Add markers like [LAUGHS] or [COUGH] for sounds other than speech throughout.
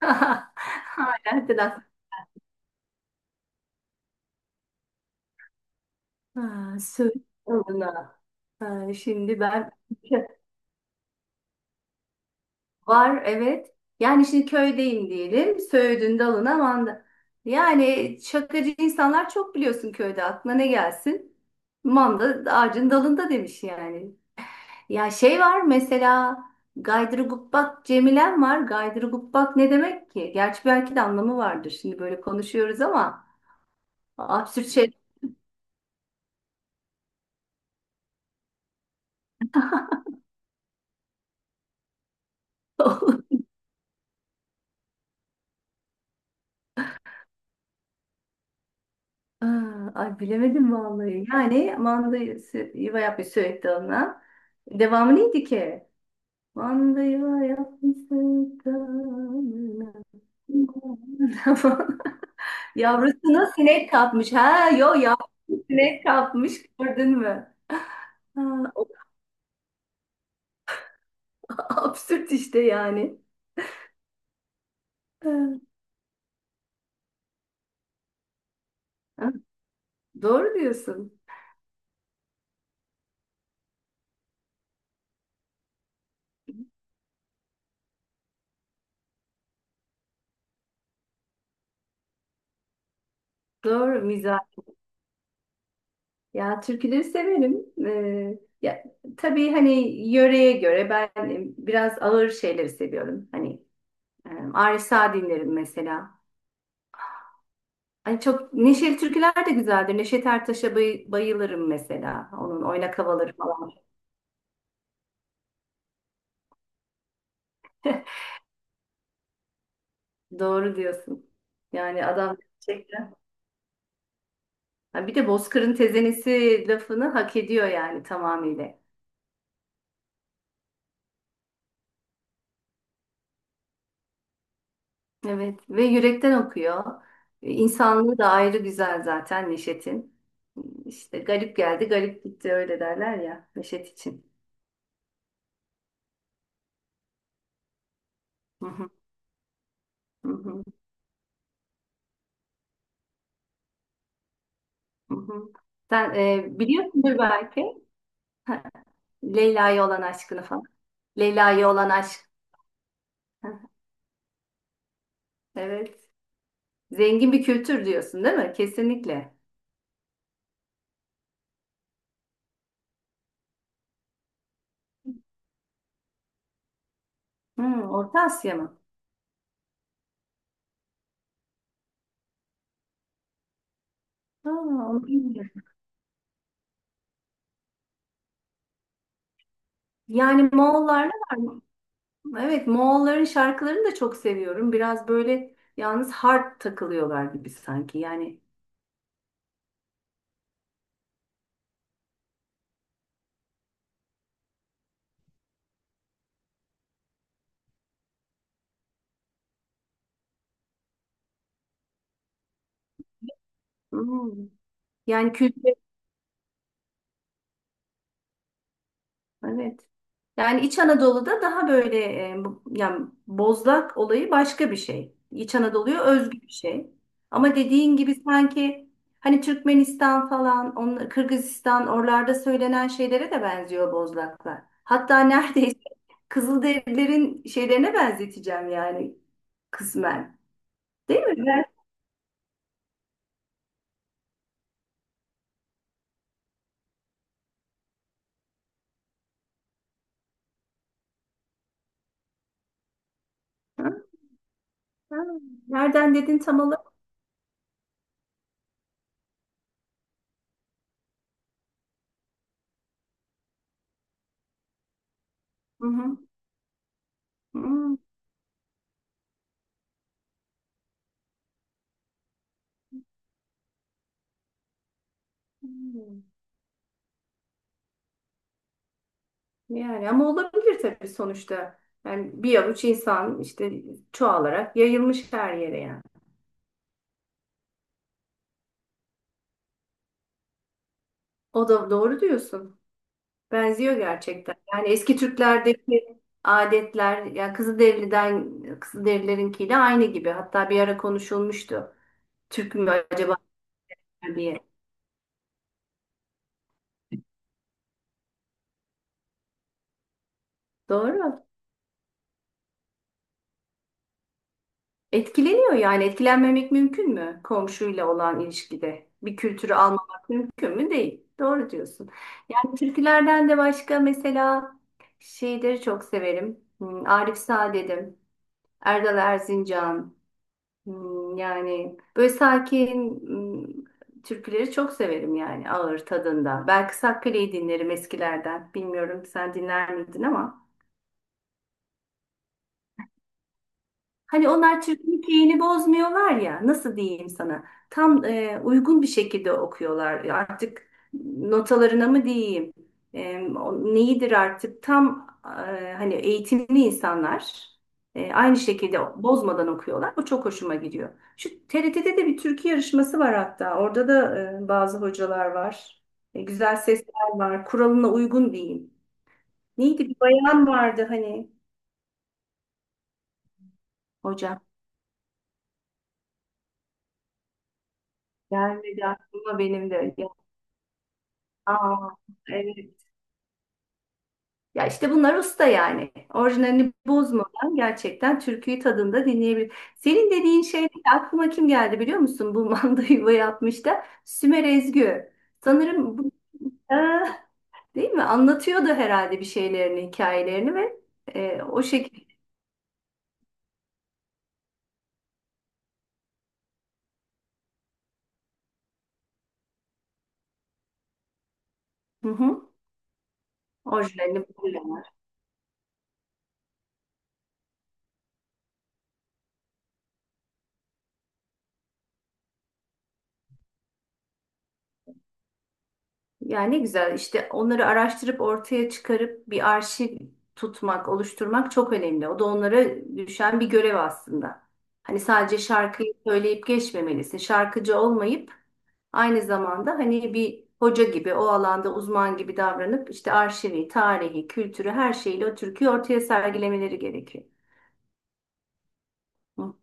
[LAUGHS] Hala telaş. Ha, söyle bana. Ha, şimdi ben [LAUGHS] var evet. Yani şimdi köydeyim diyelim. Söğüdün dalına manda. Yani şakacı insanlar çok biliyorsun köyde. Aklına ne gelsin? Manda ağacın dalında demiş yani. Ya şey var mesela Gaydırgubbak Cemilen var. Gaydırgubbak ne demek ki? Gerçi belki de anlamı vardır. Şimdi böyle konuşuyoruz ama absürt şey. [LAUGHS] Aa, ay bilemedim vallahi. Yani yuva yapmış sürekli ona. Devamı neydi ki? Manda yuva yapmış sürekli ona. [LAUGHS] Yavrusuna sinek kapmış. Ha yo yavrusu sinek kapmış gördün mü? Ha, o da [LAUGHS] absürt işte yani. Ha, ha, doğru diyorsun. Doğru mizah. Ya türküleri severim. Ya, tabii hani yöreye göre ben biraz ağır şeyleri seviyorum. Hani Arif Sağ dinlerim mesela. Hani çok neşeli türküler de güzeldir. Neşet Ertaş'a bayılırım mesela. Onun oynak havaları falan. [LAUGHS] Doğru diyorsun. Yani adam gerçekten. Ha, bir de Bozkır'ın tezenesi lafını hak ediyor yani tamamıyla. Evet ve yürekten okuyor. İnsanlığı da ayrı güzel zaten Neşet'in. İşte garip geldi, garip gitti öyle derler ya Neşet için. Hı hı, hı hı, hı hı. Sen biliyorsundur belki, ha, Leyla'ya olan aşkını falan. Leyla'ya olan aşk. Hı, evet. Zengin bir kültür diyorsun değil mi? Kesinlikle. Hı, Orta Asya mı? Ha, onu bilmiyorum. Yani Moğollarla var mı? Evet, Moğolların şarkılarını da çok seviyorum. Biraz böyle yalnız hard takılıyorlar gibi sanki. Yani hmm, yani kültür, evet. Yani İç Anadolu'da daha böyle, yani bozlak olayı başka bir şey. İç Anadolu'ya özgü bir şey. Ama dediğin gibi sanki hani Türkmenistan falan, onlar, Kırgızistan oralarda söylenen şeylere de benziyor bozlaklar. Hatta neredeyse Kızılderililerin şeylerine benzeteceğim yani kısmen. Değil mi? Ha, ha. Nereden dedin tam olarak? Hı hı. Hı. Yani ama olabilir tabii sonuçta. Yani bir avuç insan işte çoğalarak yayılmış her yere yani. O da doğru diyorsun. Benziyor gerçekten. Yani eski Türklerdeki adetler ya Kızılderililerinkiyle aynı gibi. Hatta bir ara konuşulmuştu. Türk mü acaba diye. Doğru. Etkileniyor yani etkilenmemek mümkün mü komşuyla olan ilişkide? Bir kültürü almamak mümkün mü? Değil. Doğru diyorsun. Yani türkülerden de başka mesela şeyleri çok severim. Hmm, Arif Saadet'im, Erdal Erzincan. Hmm, yani böyle sakin hmm, türküleri çok severim yani ağır tadında. Belki Sakkale'yi dinlerim eskilerden. Bilmiyorum sen dinler miydin ama. Hani onlar Türk'ün keyini bozmuyorlar ya nasıl diyeyim sana, tam uygun bir şekilde okuyorlar. Ya artık notalarına mı diyeyim, o neyidir artık tam, hani eğitimli insanlar aynı şekilde bozmadan okuyorlar, bu çok hoşuma gidiyor. Şu TRT'de de bir türkü yarışması var, hatta orada da bazı hocalar var. E, güzel sesler var, kuralına uygun diyeyim. Neydi, bir bayan vardı hani hocam, gelmedi aklıma benim de. Aa, evet. Ya işte bunlar usta yani. Orijinalini bozmadan gerçekten türküyü tadında dinleyebilir. Senin dediğin şey aklıma kim geldi biliyor musun? Bu [LAUGHS] manda yuva yapmış da Sümer Ezgü. Sanırım bu, aa, değil mi? Anlatıyordu herhalde bir şeylerini, hikayelerini ve o şekilde, hı hı, orijinalini buldu. Ya ne güzel işte onları araştırıp ortaya çıkarıp bir arşiv tutmak, oluşturmak çok önemli. O da onlara düşen bir görev aslında. Hani sadece şarkıyı söyleyip geçmemelisin. Şarkıcı olmayıp aynı zamanda hani bir hoca gibi, o alanda uzman gibi davranıp işte arşivi, tarihi, kültürü her şeyle o türküyü ortaya sergilemeleri gerekiyor. Hı.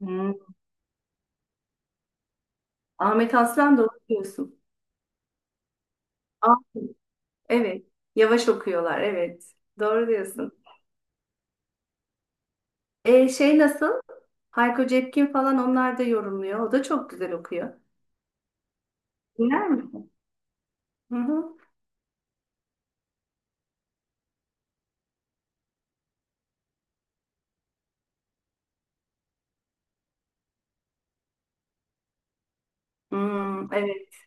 Hmm. Ahmet Aslan da okuyorsun. Ah, evet. Yavaş okuyorlar. Evet. Doğru diyorsun. E, şey nasıl? Hayko Cepkin falan, onlar da yorumluyor. O da çok güzel okuyor. Dinler misin? Hı hı. Hmm, evet,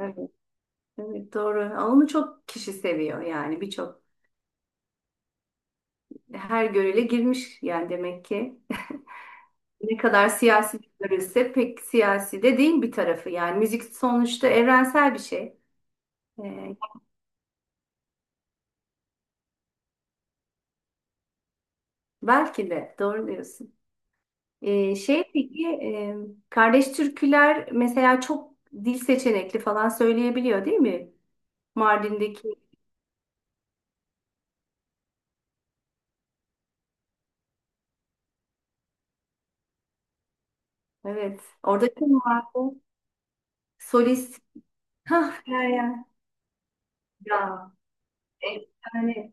evet, evet, doğru. Onu çok kişi seviyor yani, birçok her görele girmiş yani demek ki. [LAUGHS] Ne kadar siyasi görülse pek siyasi de değil bir tarafı, yani müzik sonuçta evrensel bir şey. Ee, belki de doğru diyorsun. Şey peki, kardeş türküler mesela çok dil seçenekli falan söyleyebiliyor değil mi? Mardin'deki. Evet. Orada kim vardı? Solist. Hah Meryem. Ya. Yani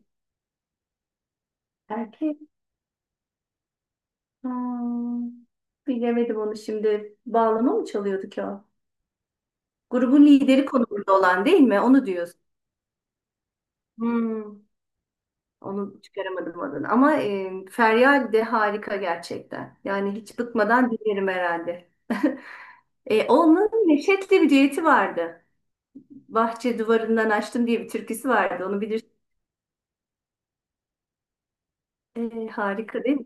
erkek. Hmm, bilemedim onu şimdi. Bağlama mı çalıyordu ki o? Grubun lideri konumunda olan değil mi? Onu diyorsun. Hmm, onu çıkaramadım adını. Ama Feryal de harika gerçekten. Yani hiç bıkmadan dinlerim herhalde. [LAUGHS] E, onun Neşet'le bir düeti vardı. Bahçe duvarından açtım diye bir türküsü vardı. Onu bilirsin. E, harika değil mi?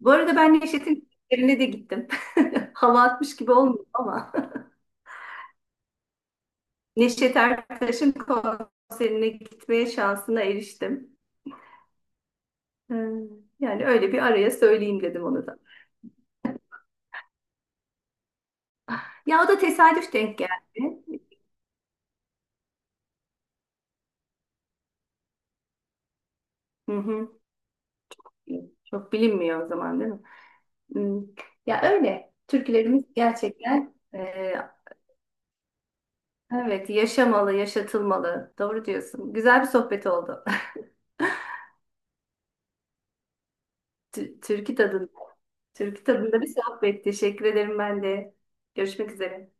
Bu arada ben Neşet'in konserine de gittim. [LAUGHS] Hava atmış gibi olmuyor ama. [LAUGHS] Neşet Ertaş'ın konserine gitmeye şansına eriştim. Ee, Yani öyle bir araya söyleyeyim dedim onu da. Ya o da tesadüf denk geldi. Hı hı. Çok bilinmiyor o zaman değil mi? Hı. Ya öyle. Türkülerimiz gerçekten, evet yaşamalı, yaşatılmalı. Doğru diyorsun. Güzel bir sohbet oldu. [LAUGHS] Türkü tadında. Türk tadında bir sohbet. Teşekkür ederim ben de. Görüşmek üzere.